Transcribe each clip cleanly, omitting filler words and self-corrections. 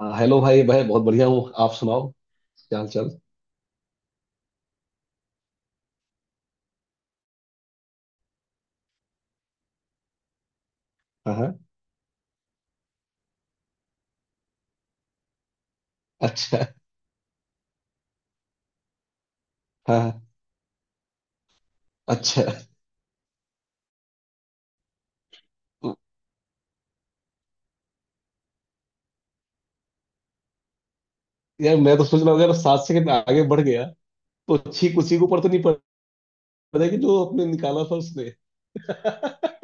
हाँ, हेलो भाई भाई बहुत बढ़िया हूँ। आप सुनाओ, क्या हाल चाल। हाँ हाँ। अच्छा। हाँ हाँ। अच्छा यार, मैं तो सोच रहा हूँ अगर सात सेकंड आगे बढ़ गया तो छींक उसी के ऊपर तो नहीं पड़ेगी जो अपने निकाला था उसने। हाँ,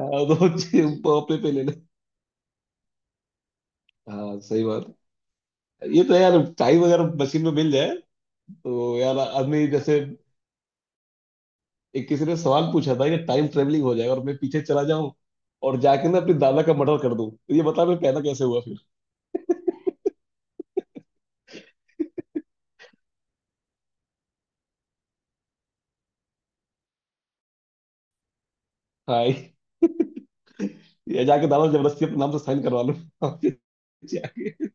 तो छींक अपने पे ले ले। हाँ, सही बात। ये तो यार टाइम अगर मशीन में मिल जाए तो यार आदमी जैसे एक किसी ने सवाल पूछा था कि टाइम ट्रेवलिंग हो जाए और मैं पीछे चला जाऊं और जाके ना अपने दादा का मर्डर कर दूं तो ये बता मैं पैदा कैसे हुआ फिर। हाँ, ये जाके दादा जबरदस्ती अपने नाम से साइन करवा लो। जाके।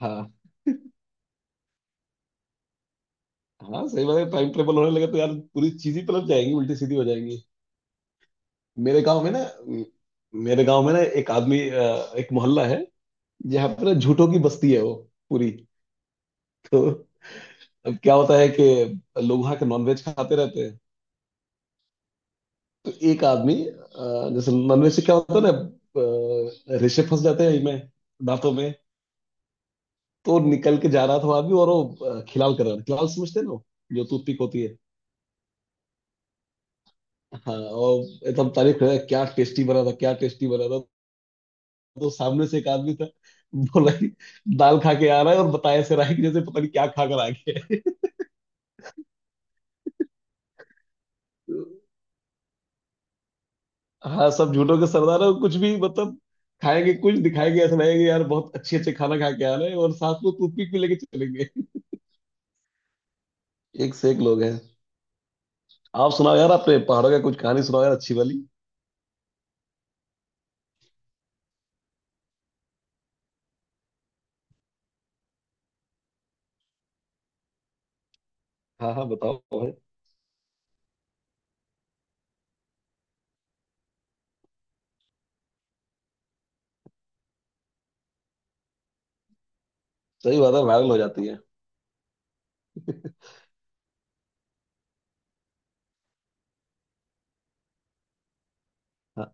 हाँ हाँ, सही बात है। टाइम ट्रेवल होने लगे तो यार पूरी चीज ही पलट जाएंगी, उल्टी सीधी हो जाएंगी। मेरे गांव में ना म- मेरे गांव में ना एक आदमी एक मोहल्ला है। यहाँ पर ना झूठों की बस्ती है वो पूरी। तो अब क्या होता है कि लोग वहाँ के नॉनवेज खाते रहते हैं। तो एक आदमी जैसे नॉनवेज से क्या होता है ना, रेशे फंस जाते हैं इनमें, दांतों में। तो निकल के जा रहा था वो आदमी और वो खिलाल कर रहा था। खिलाल समझते हैं ना वो, जो टूथपिक होती है। हाँ। और एकदम तारीफ कर रहा है, क्या टेस्टी बना था क्या टेस्टी बना था। तो सामने से एक आदमी था, बोला कि दाल खा के आ रहा है और बताया ऐसे रहा है कि जैसे पता नहीं क्या खा कर आ गया है। हाँ, सब झूठों के सरदार है। कुछ भी मतलब खाएंगे कुछ दिखाएंगे, ऐसा लगेगा कि यार बहुत अच्छे अच्छे खाना खा के आ रहे हैं और साथ में टूथपिक भी लेके चलेंगे। एक से एक लोग हैं। आप सुनाओ यार, अपने पहाड़ों का कुछ कहानी सुनाओ यार अच्छी वाली। हाँ हाँ, बताओ भाई। सही बात है, वायरल हो जाती है। हाँ।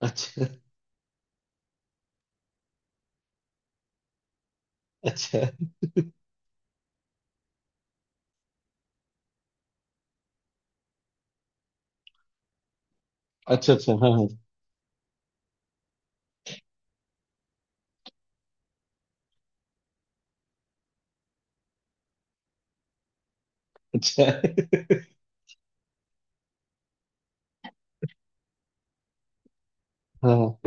अच्छा। अच्छा। अच्छा। अच्छा। हाँ हाँ। अच्छा। हाँ हाँ,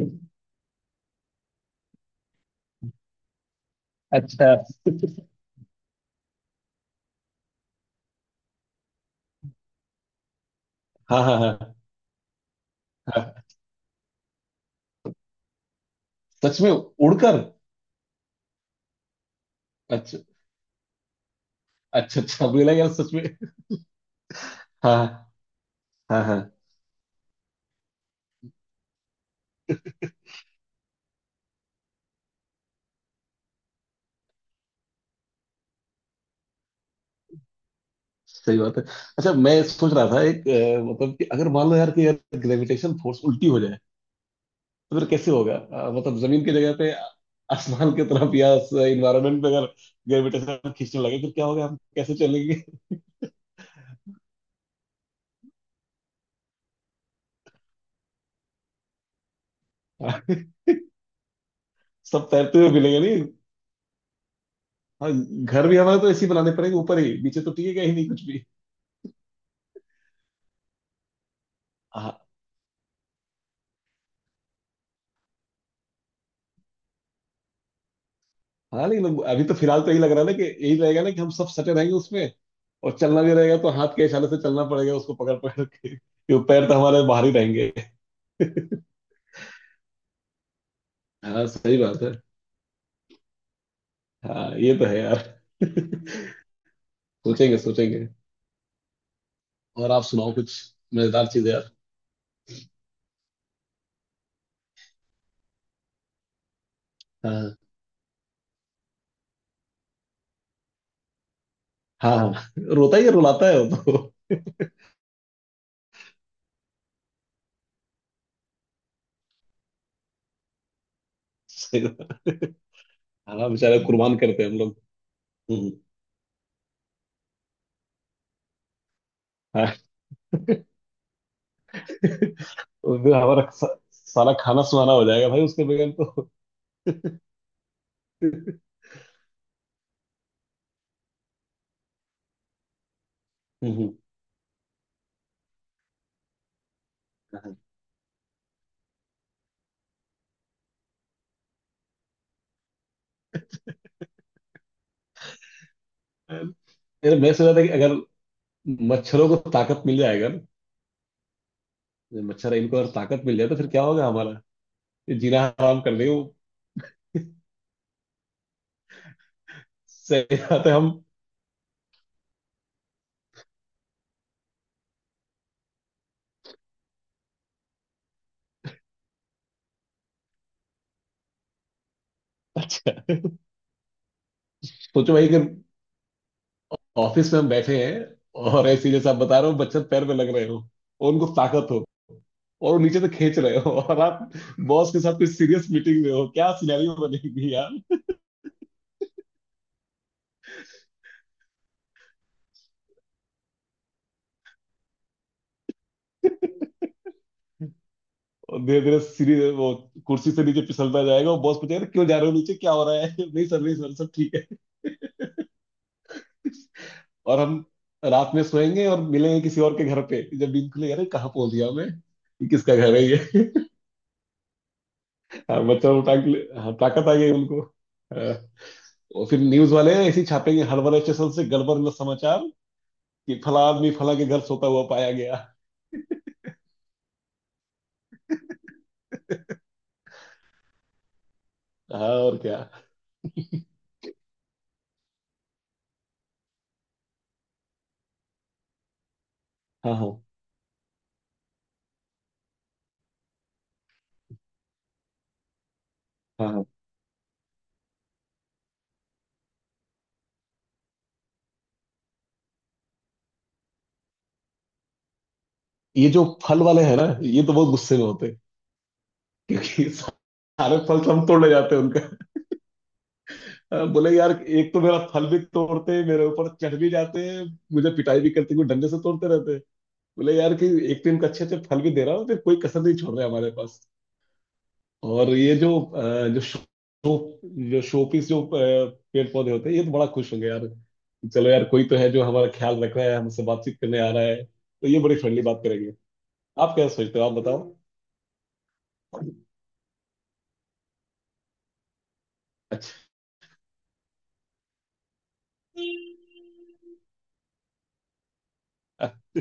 अच्छा। हाँ हाँ। हाँ हाँ, सच में उड़कर? अच्छा, अच्छा। अच्छा मुझे लगा यार सच में। हाँ हाँ। हाँ हाँ, सही बात है। अच्छा मैं सोच रहा था एक मतलब कि अगर मान लो यार कि यार ग्रेविटेशन फोर्स उल्टी हो जाए तो फिर कैसे होगा? मतलब जमीन की जगह पे आसमान की तरफ, या इन्वायरमेंट पे अगर ग्रेविटेशन खींचने लगे फिर क्या होगा, हम कैसे चलेंगे? हाँ, सब तैरते हुए मिलेंगे नहीं? हाँ। घर भी हमारे तो ऐसे ही बनाने पड़ेंगे, ऊपर ही नीचे तो टिकेगा ही नहीं कुछ भी। हाँ। हाँ लेकिन अभी तो फिलहाल तो यही लग रहा है ना कि यही रहेगा ना कि हम सब सटे रहेंगे उसमें। और चलना भी रहेगा तो हाथ के इशारे से चलना पड़ेगा, उसको पकड़ पकड़ के, क्योंकि पैर तो हमारे बाहर ही रहेंगे। हाँ सही बात है। हाँ ये तो है यार। सोचेंगे सोचेंगे। और आप सुनाओ कुछ मजेदार चीज यार। हाँ हाँ। हाँ, रोता ही है, रुलाता है वो तो। सही बात। हाँ बेचारे कुर्बान करते हैं हम लोग। हम्म। हाँ। उस दिन हमारा सारा खाना सुहाना हो जाएगा भाई उसके बगैर तो। हम्म। हम्म। मेरे मैं सोचा था कि अगर मच्छरों को ताकत मिल जाएगा ना, जब मच्छर इनको अगर ताकत मिल जाए तो फिर क्या होगा हमारा। ये जीना हराम कर देंगे वो। सही बात है। हम सोचो भाई कि ऑफिस में हम बैठे हैं और ऐसी जैसे आप बता रहे हो मच्छर पैर में लग रहे हो और उनको ताकत हो और वो नीचे से खींच रहे हो और आप बॉस के साथ कोई सीरियस मीटिंग में हो, क्या सिनेरियो बनेगी यार। और धीरे धीरे सीरीज वो कुर्सी से नीचे फिसलता जाएगा और बॉस पूछेगा, "अरे क्यों जा रहे हो नीचे, क्या हो रहा है?" नहीं सर, नहीं सर, सब ठीक। और हम रात में सोएंगे और मिलेंगे किसी और के घर पे, जब नींद खुलेगी अरे कहाँ पहुंच गया मैं, ये किसका घर है ये? हाँ बच्चा उठा के हाँ, ताकत आ गई उनको, हाँ। और फिर न्यूज वाले ऐसे ही छापेंगे, हर वाले स्टेशन से गड़बड़ में समाचार कि फला आदमी फला के घर सोता हुआ पाया गया। हाँ और क्या। हाँ हाँ। हाँ हाँ। ये जो फल वाले हैं ना, ये तो बहुत गुस्से में होते हैं, क्योंकि सारे फल सब तोड़ ले जाते हैं उनका। हाँ, बोले यार एक तो मेरा फल भी तोड़ते हैं, मेरे ऊपर चढ़ भी जाते हैं, मुझे पिटाई भी करते हैं, कोई डंडे से तोड़ते रहते हैं। बोले यार कि एक तो इनका अच्छे अच्छे फल भी दे रहा हूँ, फिर कोई कसर नहीं छोड़ रहा है हमारे पास। और ये जो अ, जो शो जो शोपीस जो पेड़ पौधे होते हैं, ये तो बड़ा खुश होंगे यार। चलो यार कोई तो है जो हमारा ख्याल रख रहा है, हमसे बातचीत करने आ रहा है, तो ये बड़ी फ्रेंडली बात करेंगे। आप क्या सोचते हो आप बताओ। अच्छा। अच्छा,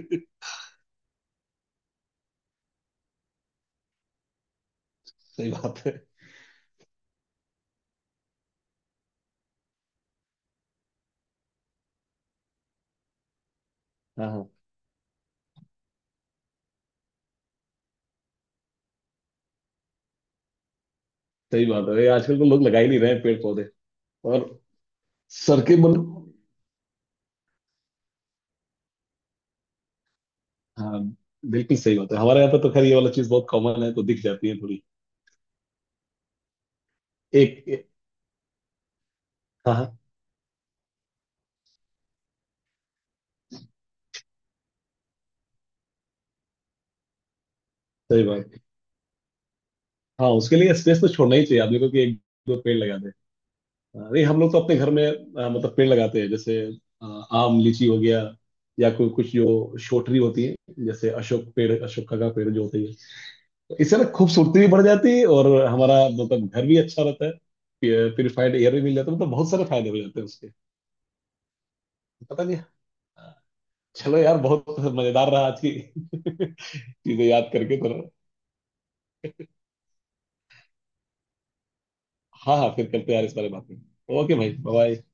सही बात है। हाँ हाँ, सही बात है। ये आजकल तो लोग लगा ही नहीं रहे हैं पेड़ पौधे। और सर के बल। हाँ बिल्कुल सही बात है, हमारे यहाँ पे तो खैर ये वाला चीज बहुत कॉमन है, तो दिख जाती है थोड़ी। एक, एक। हाँ हाँ। सही बात। हाँ उसके लिए स्पेस तो छोड़ना ही चाहिए आदमी को कि एक दो पेड़ लगा दे। अरे हम लोग तो अपने घर में मतलब पेड़ लगाते हैं जैसे अ, आम लीची हो गया, या कोई कुछ जो शोटरी होती है, जैसे अशोक पेड़, अशोका का पेड़ जो होती है, तो इससे ना खूबसूरती भी बढ़ जाती है और हमारा मतलब घर भी अच्छा रहता है। प्योरीफाइड एयर भी मिल जाता है, मतलब बहुत सारे फायदे हो जाते हैं उसके। पता नहीं। चलो यार बहुत मजेदार रहा आज की। चीजें याद करके तो। हाँ हाँ, फिर करते हैं यार इस बारे में बात। ओके भाई, बाय।